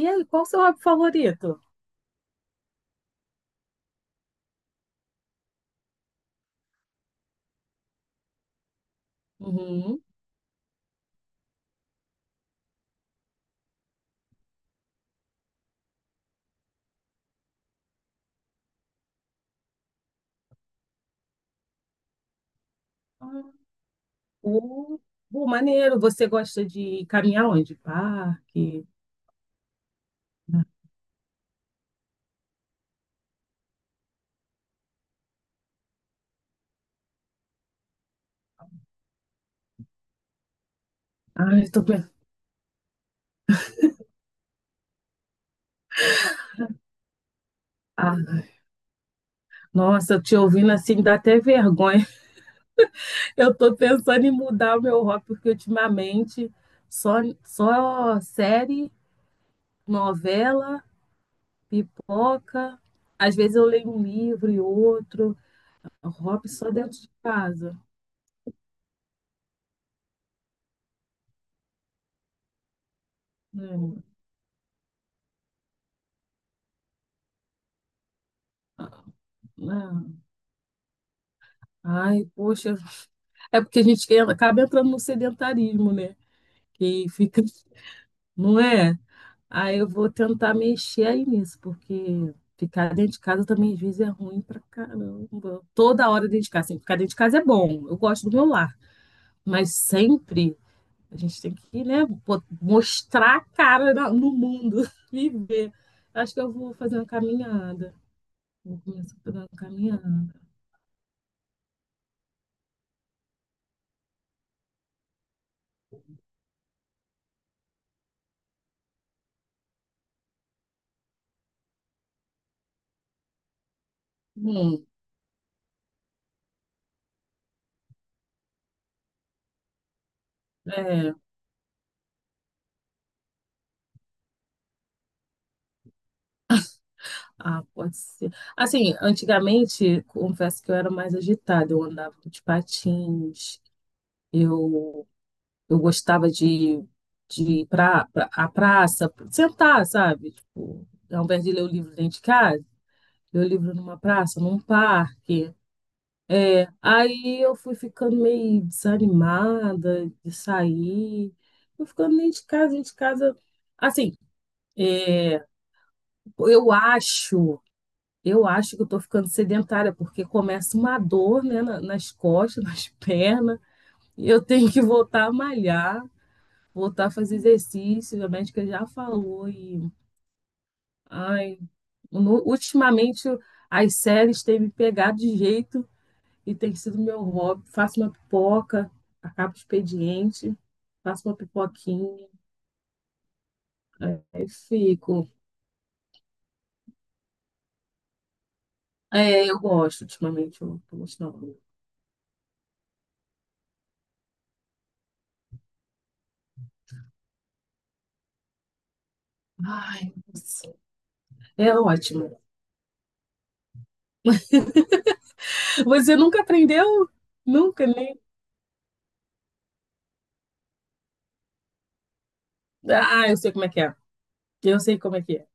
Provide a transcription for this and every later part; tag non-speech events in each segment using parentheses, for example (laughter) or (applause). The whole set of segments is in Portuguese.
E aí, qual o seu hobby favorito? Uhum. Ah, o, maneiro, você gosta de caminhar onde? Parque? Ai, eu tô pensando. Ah, nossa, te ouvindo assim dá até vergonha. (laughs) Eu tô pensando em mudar o meu hobby, porque ultimamente só, só série, novela, pipoca. Às vezes eu leio um livro e outro. O hobby só dentro de casa. Hum, ah, Ai, poxa. É porque a gente acaba entrando no sedentarismo, né? Que fica, (laughs) não é? Aí eu vou tentar mexer aí nisso, porque ficar dentro de casa também às vezes é ruim pra caramba. Toda hora dentro de casa, assim, ficar dentro de casa é bom, eu gosto do meu lar, mas sempre a gente tem que, né, mostrar a cara no mundo, (laughs) viver. Acho que eu vou fazer uma caminhada. Vou começar a fazer uma caminhada. Hum, é. Ah, pode ser. Assim, antigamente, confesso que eu era mais agitada, eu andava de patins, eu, eu gostava de ir para a praça, sentar, sabe? Tipo, ao invés de ler o livro dentro de casa, ler o livro numa praça, num parque. Aí eu fui ficando meio desanimada de sair, fui ficando dentro de casa, dentro de casa. Assim, é, eu acho. Eu acho que eu tô ficando sedentária, porque começa uma dor, né, nas costas, (laughs) nas pernas, e eu tenho que voltar a malhar, voltar a fazer exercício, a médica já falou, e, ai, ultimamente as séries têm me pegado de jeito e tem sido meu hobby. Faço uma pipoca, acabo o expediente, faço uma pipoquinha, aí fico. É, eu gosto ultimamente, eu tô gostando. Ai, nossa, é ótimo. Você nunca aprendeu? Nunca, nem. Ah, eu sei como é que é. Eu sei como é que é.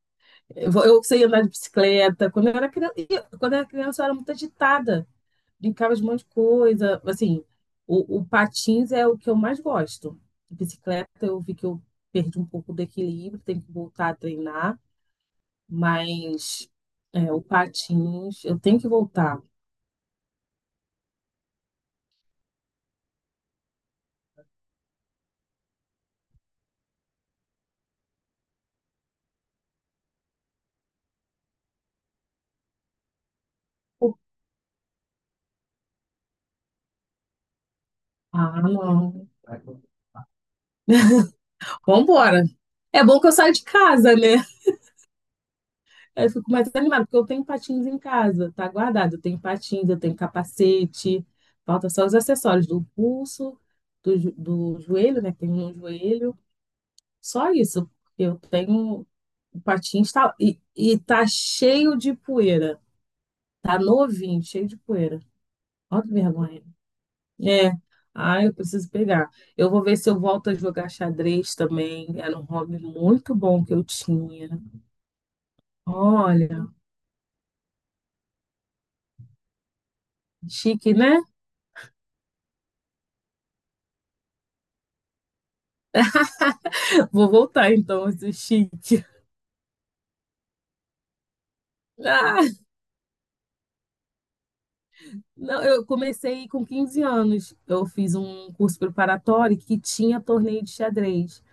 Eu sei andar de bicicleta. Quando eu era criança, quando eu era criança, eu era muito agitada. Brincava de um monte de coisa. Assim, o patins é o que eu mais gosto. Bicicleta, eu vi que eu perdi um pouco do equilíbrio, tenho que voltar a treinar. Mas é, o patins, eu tenho que voltar. Ah, não. Vambora. É bom que eu saio de casa, né? Aí eu fico mais animada, porque eu tenho patins em casa, tá guardado. Eu tenho patins, eu tenho capacete, falta só os acessórios do pulso, do joelho, né? Tem um joelho, só isso. Eu tenho o patins tá, e tá cheio de poeira, tá novinho, cheio de poeira. Olha que vergonha. É, ah, eu preciso pegar. Eu vou ver se eu volto a jogar xadrez também. Era um hobby muito bom que eu tinha. Olha, chique, né? Vou voltar então, esse chique. Ah, não, eu comecei com 15 anos. Eu fiz um curso preparatório que tinha torneio de xadrez.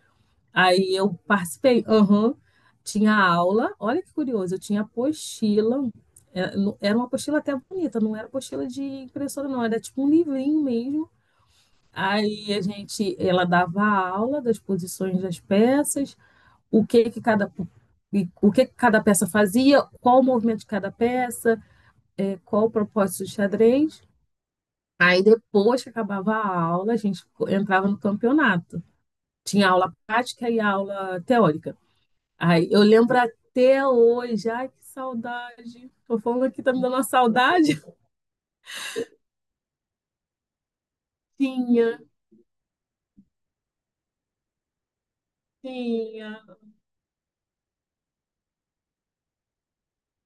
Aí eu participei, aham, tinha aula. Olha que curioso, eu tinha apostila. Era era uma apostila até bonita, não era apostila de impressora, não, era tipo um livrinho mesmo. Aí a gente, ela dava a aula das posições das peças, o que que cada, o que que cada peça fazia, qual o movimento de cada peça, é, qual o propósito do xadrez. Aí depois que acabava a aula, a gente entrava no campeonato. Tinha aula prática e aula teórica. Aí eu lembro até hoje, ai que saudade. Tô falando aqui, tá me dando uma saudade? (laughs) Tinha, tinha,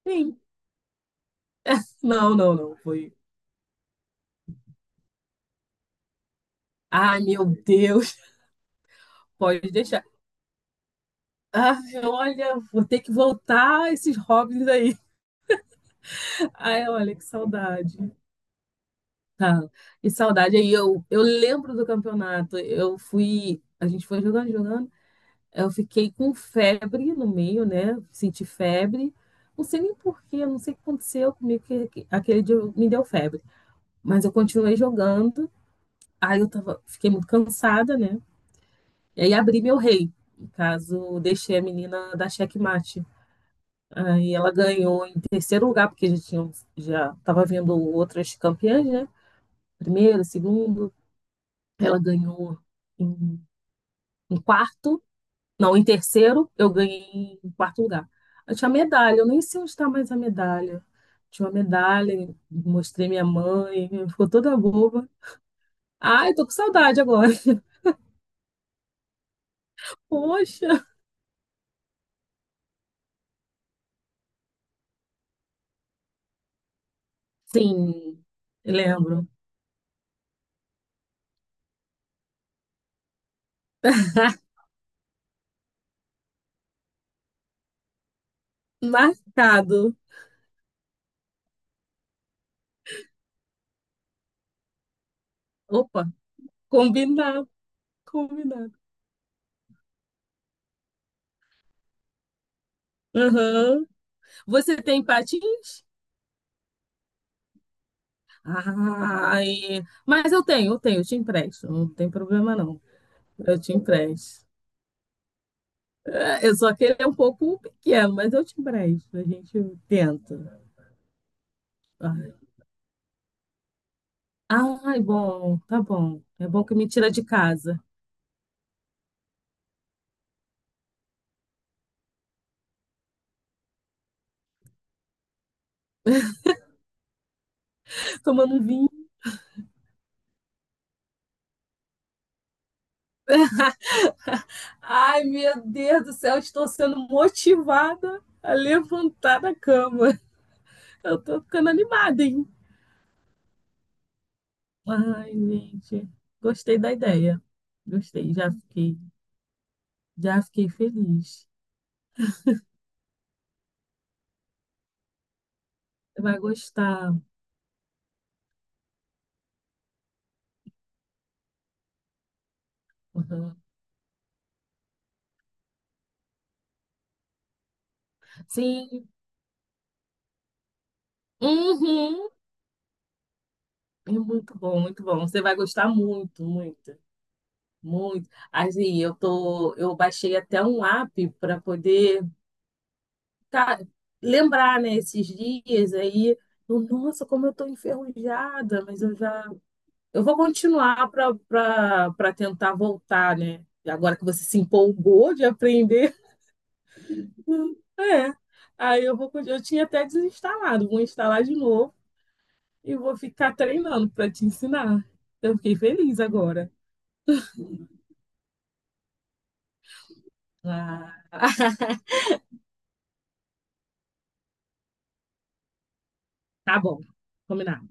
sim. Não, não, não, foi. Ai, meu Deus, pode deixar. Ai, olha, vou ter que voltar a esses hobbies aí. (laughs) Ai, olha, que saudade. Tá. E saudade aí, eu lembro do campeonato. Eu fui, a gente foi jogando, jogando. Eu fiquei com febre no meio, né? Senti febre. Não sei nem porquê, não sei o que aconteceu comigo, que aquele dia me deu febre. Mas eu continuei jogando. Fiquei muito cansada, né? E aí abri meu rei. No caso, eu deixei a menina da xeque-mate. Aí ela ganhou em terceiro lugar, porque já tinha, já tava vendo outras campeãs, né? Primeiro, segundo. Ela ganhou em, em quarto, não, em terceiro, eu ganhei em quarto lugar. Eu tinha medalha, eu nem sei onde está mais a medalha. Tinha uma medalha, mostrei minha mãe, ficou toda boba. Ai, tô com saudade agora. (laughs) Poxa. Sim, lembro. (laughs) Marcado. Opa, combinado, combinado. Aham. Você tem patins? Ai, mas eu tenho, eu tenho, eu te empresto. Não tem problema não. Eu te empresto. Eu só que ele é um pouco pequeno, mas eu te empresto, a gente tenta. Ai, bom, tá bom. É bom que me tira de casa. (laughs) Tomando um vinho. Ai, meu Deus do céu, estou sendo motivada a levantar da cama. Eu tô ficando animada, hein? Ai, gente, gostei da ideia. Gostei, já fiquei feliz. Você vai gostar. Uhum. Sim, uhum. É muito bom, muito bom. Você vai gostar muito, muito. Muito. Assim, eu baixei até um app para poder tá, lembrar, né, esses dias aí. Eu, nossa, como eu tô enferrujada, mas eu já, eu vou continuar para tentar voltar, né? E agora que você se empolgou de aprender, (laughs) é. Aí eu vou, eu tinha até desinstalado, vou instalar de novo e vou ficar treinando para te ensinar. Eu fiquei feliz agora. Ah, tá bom, combinado.